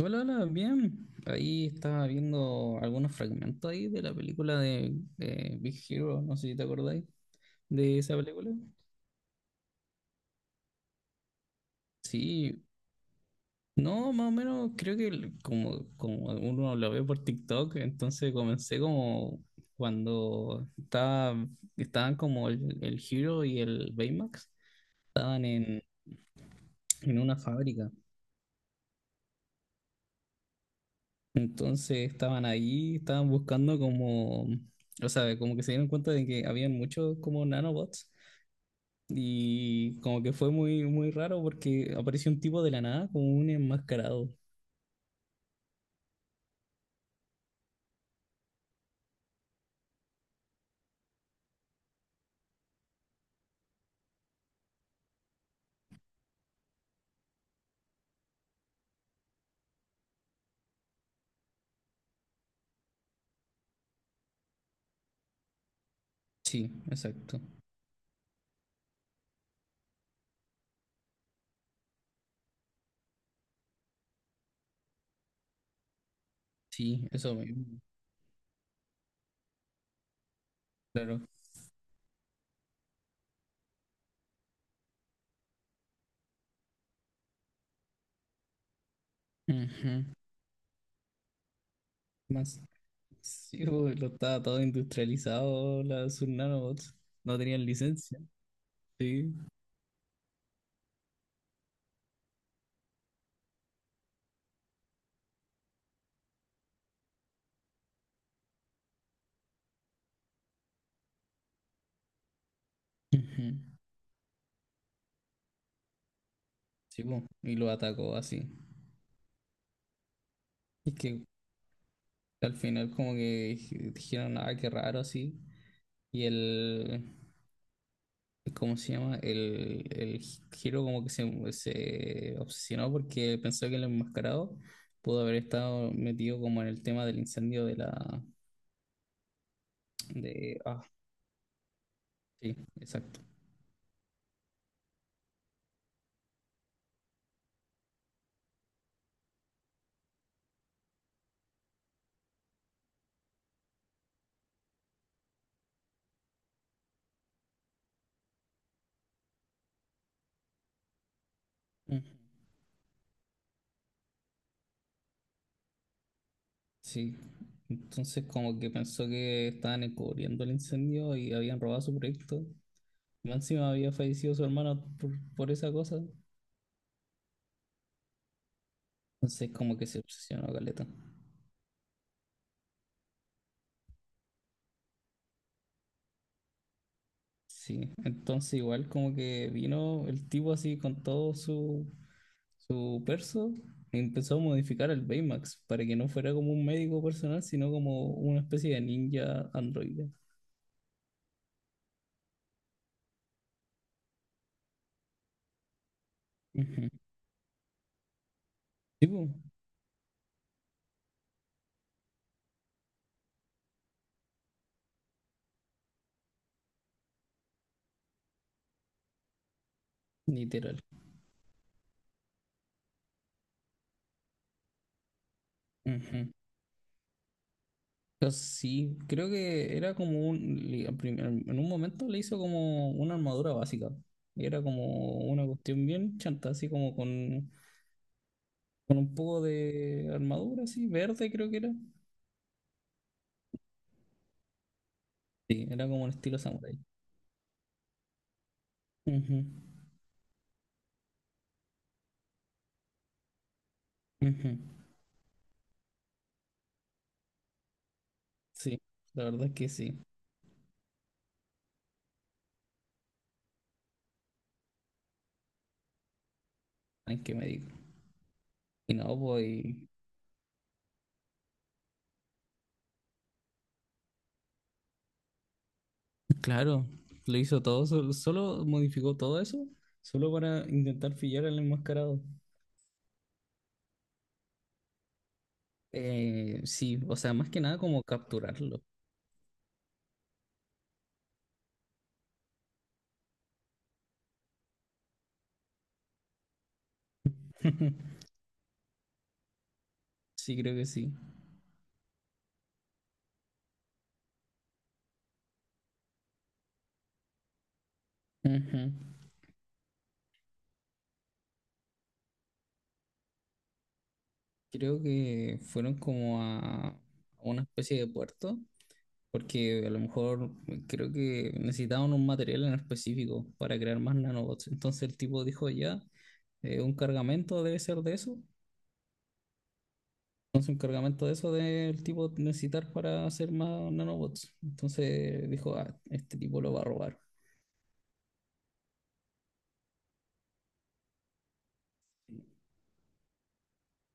Hola, hola, bien. Ahí estaba viendo algunos fragmentos ahí de la película de Big Hero, no sé si te acordáis de esa película. Sí, no, más o menos creo que como uno lo ve por TikTok, entonces comencé como cuando estaban como el Hero y el Baymax, estaban en una fábrica. Entonces estaban ahí, estaban buscando como, o sea, como que se dieron cuenta de que habían muchos como nanobots. Y como que fue muy, muy raro porque apareció un tipo de la nada como un enmascarado. Sí, exacto. Sí, eso mismo, claro. Ujú. Más, sí, pues, lo estaba todo industrializado, sus nanobots. No tenían licencia. Sí. Ujú. Sí, pues, y lo atacó así. Y que al final como que dijeron, ah, qué raro así. Y el, ¿cómo se llama? El Hiro como que se obsesionó porque pensó que el enmascarado pudo haber estado metido como en el tema del incendio de la... De, ah, sí, exacto. Mm, sí. Entonces como que pensó que estaban encubriendo el incendio y habían robado su proyecto. Y más encima había fallecido su hermano por esa cosa. Entonces como que se obsesionó, caleta. Sí, entonces igual como que vino el tipo así con todo su perso y empezó a modificar el Baymax para que no fuera como un médico personal, sino como una especie de ninja androide. Ujú. Sí, po, literal. Ujú. Pues sí, creo que era como un... En un momento le hizo como una armadura básica. Y era como una cuestión bien chanta, así como con un poco de armadura, así, verde creo que era. Sí, era como un estilo samurai. Ujú, ujú. Sí, la verdad es que sí. Hay que me digo. Y no, pues, claro, lo hizo todo, solo, modificó todo eso, solo para intentar pillar al enmascarado. Sí, o sea, más que nada como capturarlo. Sí, creo que sí. Ujú. Creo que fueron como a una especie de puerto. Porque a lo mejor creo que necesitaban un material en específico para crear más nanobots. Entonces el tipo dijo ya, un cargamento debe ser de eso. Entonces un cargamento de eso debe el tipo necesitar para hacer más nanobots. Entonces dijo, ah, este tipo lo va a robar.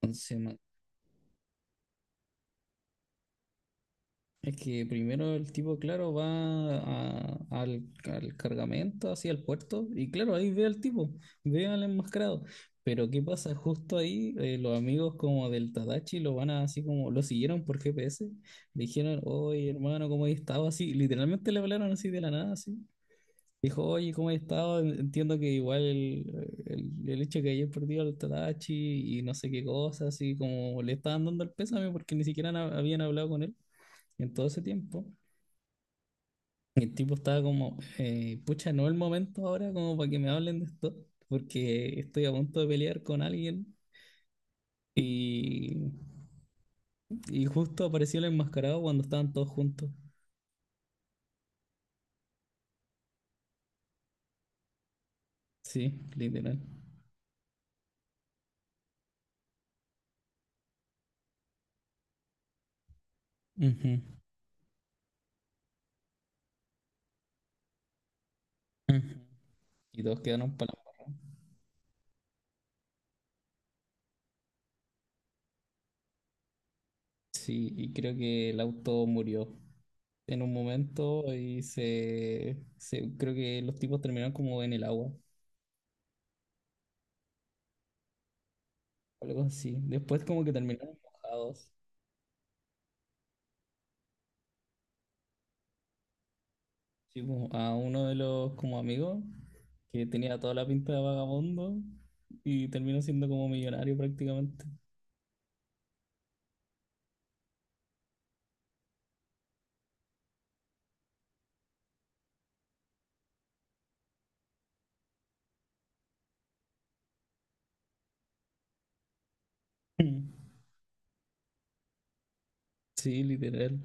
Entonces ma- Es que primero el tipo, claro, va al cargamento, hacia el puerto, y claro, ahí ve al tipo, ve al enmascarado. Pero ¿qué pasa? Justo ahí los amigos como del Tadachi lo van a así como, lo siguieron por GPS, dijeron, oye hermano, ¿cómo has estado? Así, literalmente le hablaron así de la nada, así. Dijo, oye, ¿cómo has estado? Entiendo que igual el hecho que hayas perdido al Tadachi y no sé qué cosas así como le estaban dando el pésame porque ni siquiera habían hablado con él en todo ese tiempo. El tipo estaba como, pucha, no es el momento ahora como para que me hablen de esto, porque estoy a punto de pelear con alguien y, y justo apareció el enmascarado cuando estaban todos juntos. Sí, literal. Ujú, ujú. Y todos quedaron para... Sí, y creo que el auto murió en un momento y se... Creo que los tipos terminaron como en el agua, algo así. Después como que terminaron mojados. Sí, pues, a uno de los como amigos que tenía toda la pinta de vagabundo y terminó siendo como millonario prácticamente. Sí, literal.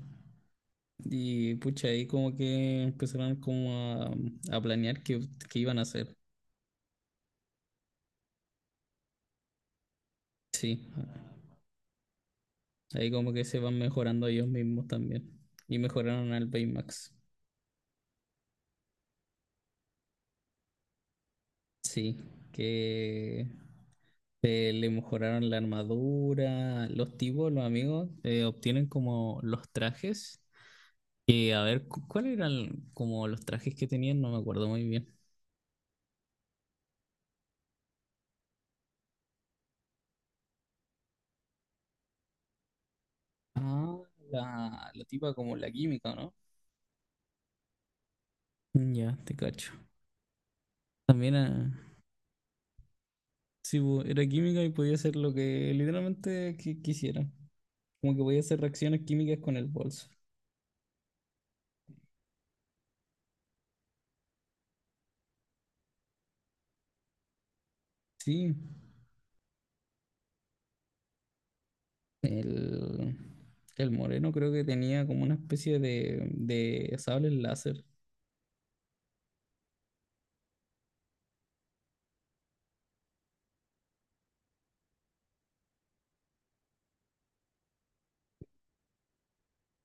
Y pucha, ahí como que empezaron como a planear qué iban a hacer. Sí, ahí como que se van mejorando ellos mismos también. Y mejoraron al Baymax. Sí, que le mejoraron la armadura. Los tipos, los amigos, obtienen como los trajes. Que, a ver, ¿cuál eran como los trajes que tenían? No me acuerdo muy bien. Ah, la tipa como la química, ¿no? Ya, te cacho. También era, sí, era química y podía hacer lo que literalmente quisiera. Como que podía hacer reacciones químicas con el bolso. Sí, el, el moreno creo que tenía como una especie de sable láser.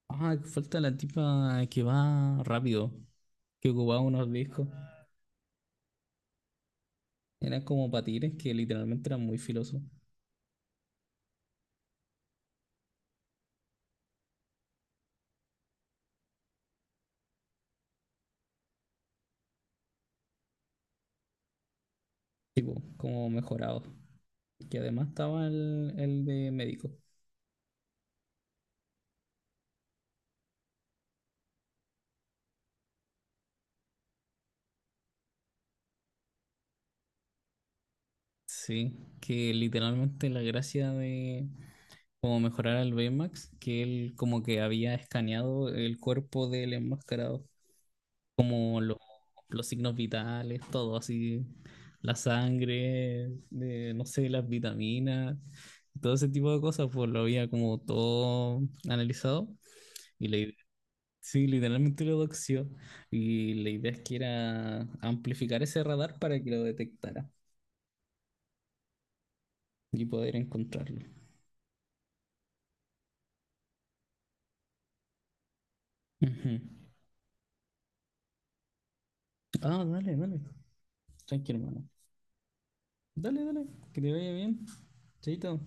Ah, falta la tipa que va rápido, que ocupaba unos discos. Eran como patines que literalmente eran muy filosos. Tipo como mejorado. Que además estaba el de médico. Sí, que literalmente la gracia de como mejorar al Baymax, que él como que había escaneado el cuerpo del enmascarado, como los signos vitales, todo así, la sangre, de, no sé, las vitaminas, todo ese tipo de cosas, pues lo había como todo analizado. Y la idea sí, literalmente lo doxió. Y la idea es que era amplificar ese radar para que lo detectara y poder encontrarlo. Ujú. Ah, dale, dale. Tranquilo, hermano. Dale, dale. Que te vaya bien. Chaito.